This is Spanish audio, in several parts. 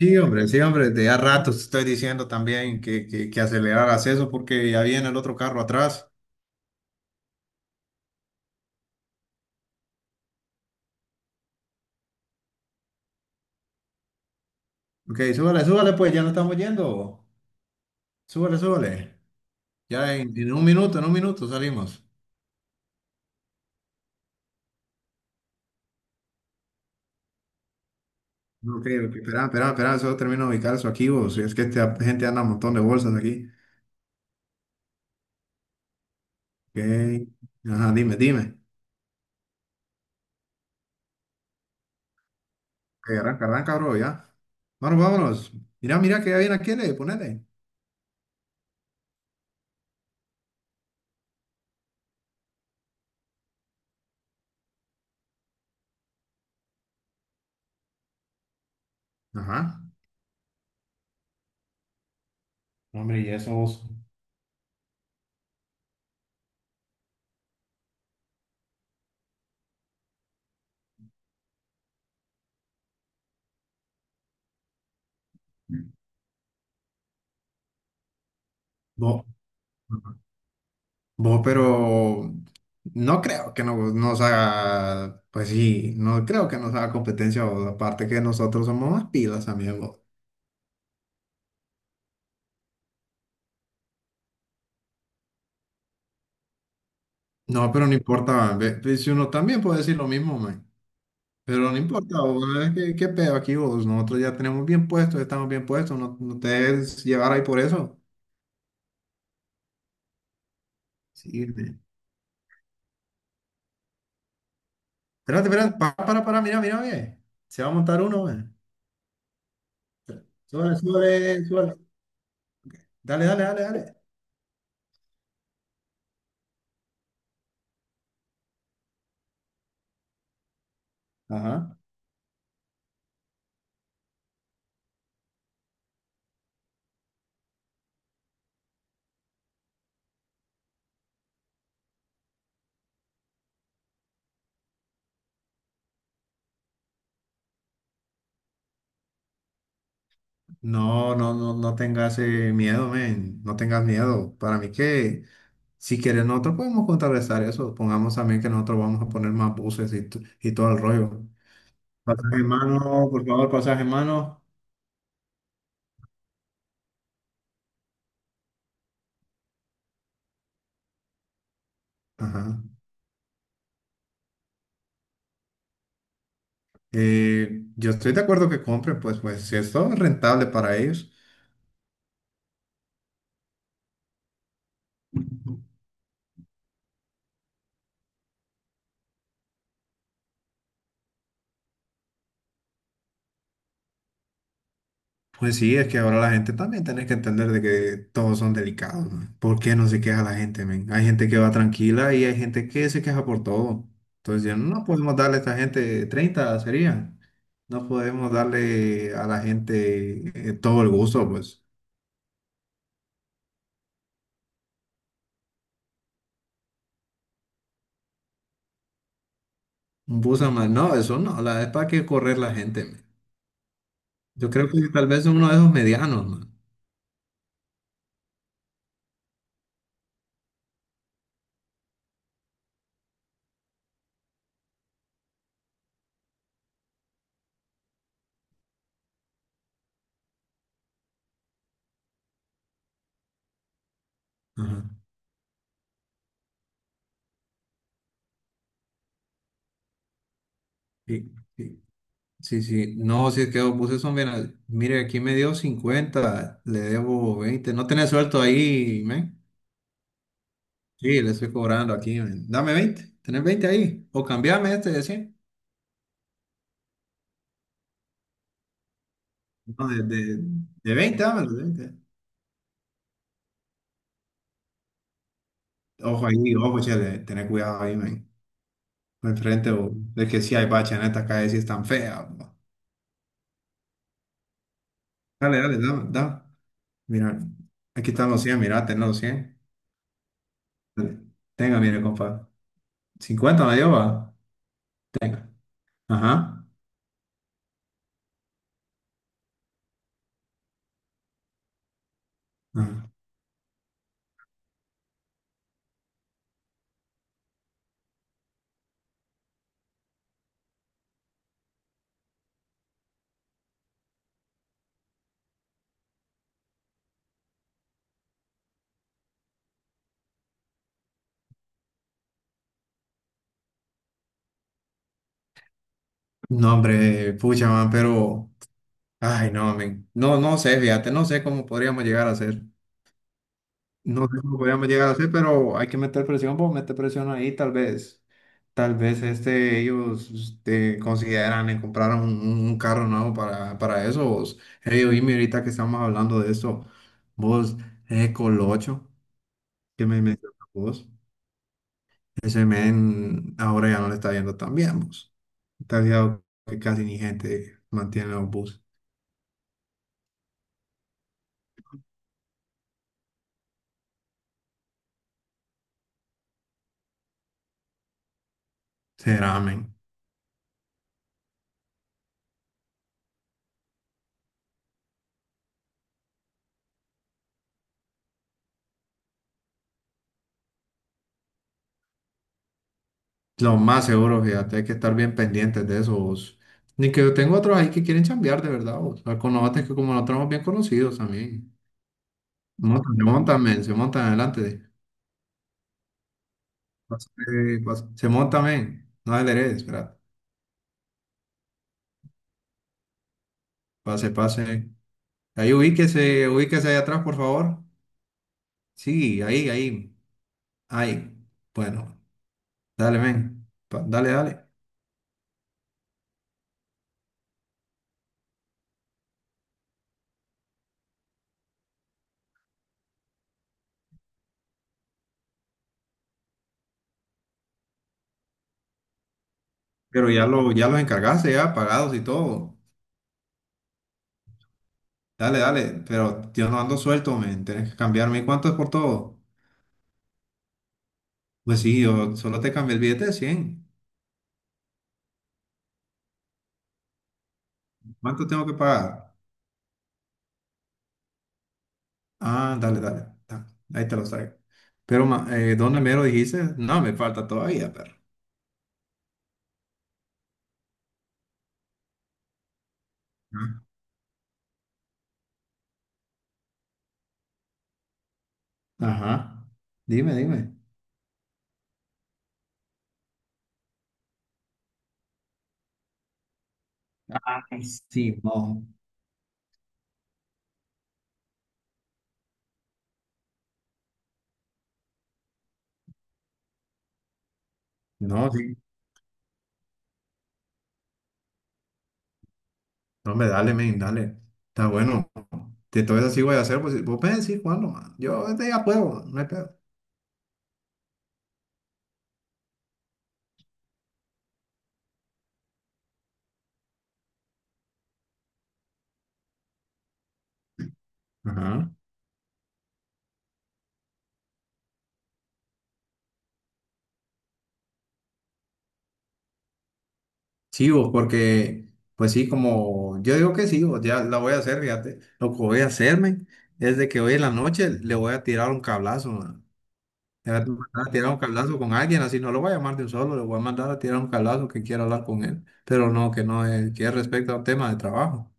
Sí, hombre, de a ratos te estoy diciendo también que aceleraras eso porque ya viene el otro carro atrás. Ok, súbale, súbale, pues ya no estamos yendo. Súbale, súbale. Ya en un minuto, en un minuto salimos. Ok, ok, espera, solo termino de ubicar eso aquí, vos. Es que esta gente anda un montón de bolsas aquí. Ok, ajá, dime, dime. Ok, arranca, arranca, bro, ya. Bueno, vámonos. Mira, mira que ya viene aquí, le, ponele. Ajá. No, hombre, y eso vos. No. Vos, pero no creo que nos haga, pues sí, no creo que nos haga competencia, vos. Aparte que nosotros somos más pilas, amigo. No, pero no importa, man. Ve, si uno también puede decir lo mismo, man. Pero no importa, vos. ¿Qué pedo aquí, vos? Nosotros ya tenemos bien puestos, estamos bien puestos, no, no te dejes llevar ahí por eso. Sí, man. Espérate, espérate, para, mira, mira, ve. Se va a montar uno, man. Sube, sube, sube. Dale, dale, dale, dale. Ajá. No, no, no, no tengas miedo, men, no tengas miedo. Para mí que si quieres nosotros podemos contrarrestar eso. Pongamos también que nosotros vamos a poner más buses y, y todo el rollo. Pasaje en mano, por favor, pasaje en mano. Ajá. Yo estoy de acuerdo que compren, pues, pues si esto es rentable para ellos. Pues sí, es que ahora la gente también tenés que entender de que todos son delicados, ¿no? ¿Por qué no se queja la gente, men? Hay gente que va tranquila y hay gente que se queja por todo. Entonces, ya no podemos darle a esta gente 30 sería. No podemos darle a la gente todo el gusto, pues. Un busa más. No, eso no, la, es para que correr la gente, men. Yo creo que tal vez uno de esos medianos, man. Ajá. ¿Y, y sí, sí, no, si es que vos puse eso, mira, mire, aquí me dio cincuenta, le debo veinte, no tenés suelto ahí, men. Sí, le estoy cobrando aquí, men. Dame veinte, tenés 20 ahí, o cambiame este de cien. No, de, de, de 20, dame los veinte. Ojo ahí, ojo, chele, tené cuidado ahí, men. No enfrente, o es que sí hay bacha en esta calle, sí es tan fea, bo. Dale, dale, dame, mira, aquí están los cien, mira, tenés los cien. Dale. Tenga, mire, compa, 50 me dio, va, tenga, ajá. Ajá. No, hombre, pucha, man, pero, ay, no, men, no, no sé, fíjate, no sé cómo podríamos llegar a hacer, no sé cómo podríamos llegar a hacer, pero hay que meter presión, pues meter presión ahí, tal vez, este, ellos, este, consideran en comprar un carro nuevo para eso, vos, hey, oíme, ahorita que estamos hablando de esto, vos, ese Colocho, que me mencionas vos, ese men, ahora ya no le está yendo tan bien, vos, te has fijado que casi ni gente mantiene los buses. Será, men. Lo más seguro, fíjate, hay que estar bien pendientes de eso, vos. Ni que yo tengo otros ahí que quieren chambear, de verdad, vos. O sea, con los que como nosotros somos bien conocidos también. Se montan, men, se montan adelante. Pase, pase. Se montan, men. No adereces, espera. Pase, pase. Ahí ubíquese, ubíquese ahí atrás, por favor. Sí, ahí, ahí. Ahí. Bueno, dale, men. Dale, dale. Pero ya, lo, ya los encargaste, ya pagados y todo. Dale, dale, pero yo no ando suelto, men, tienes que cambiarme. ¿Y cuánto es por todo? Pues sí, yo solo te cambié el billete de cien. ¿Cuánto tengo que pagar? Ah, dale, dale, ta, ahí te lo traigo. Pero, ¿dónde me lo dijiste? No, me falta todavía, perro. Ah, ajá, dime, dime. Ay, Simón. No, sí. No, me dale, men, dale. Está bueno. De todo eso sí voy a hacer, pues vos puedes decir cuándo, man. Yo este ya puedo, no hay pedo. Ajá. Sí, vos, porque, pues sí, como yo digo que sí, vos, ya la voy a hacer, fíjate. Lo que voy a hacerme es de que hoy en la noche le voy a tirar un cablazo, man. Le voy a mandar a tirar un cablazo con alguien, así no lo voy a llamar de un solo, le voy a mandar a tirar un cablazo que quiera hablar con él, pero no, que no, es, que es respecto a un tema de trabajo.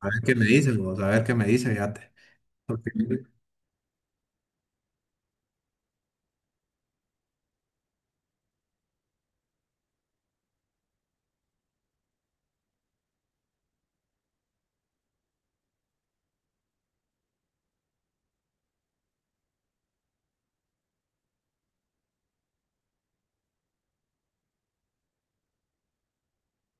A ver qué me dice, vos, a ver qué me dice, fíjate. Porque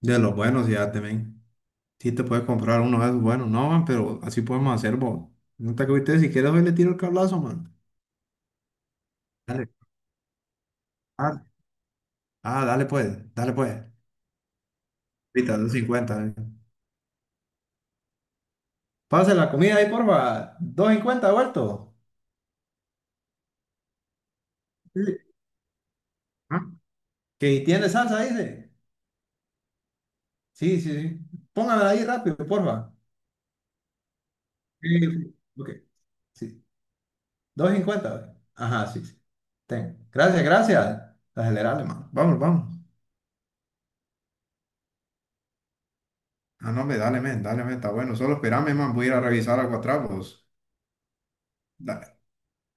de los buenos, fíjate, men. Sí te puedes comprar uno de esos buenos, no, man, pero así podemos hacer, vos. No te agüites, si quieres hoy le tiro el cablazo, man. Dale. Ah, dale pues, dale pues. Ahorita, 250. Pase la comida ahí, porfa. 250 vuelto. Sí. Ah, que tiene salsa, dice. Sí, sí, sí. Póngamela ahí rápido, porfa. Sí, sí. Ok, sí. 250. Güey. Ajá, sí, sí. Ten. Gracias, gracias. Acelerale, man. Vamos, vamos. Ah, no, me dale, men, está bueno. Solo espérame, man. Voy a ir a revisar algo atrás, pues. Dale.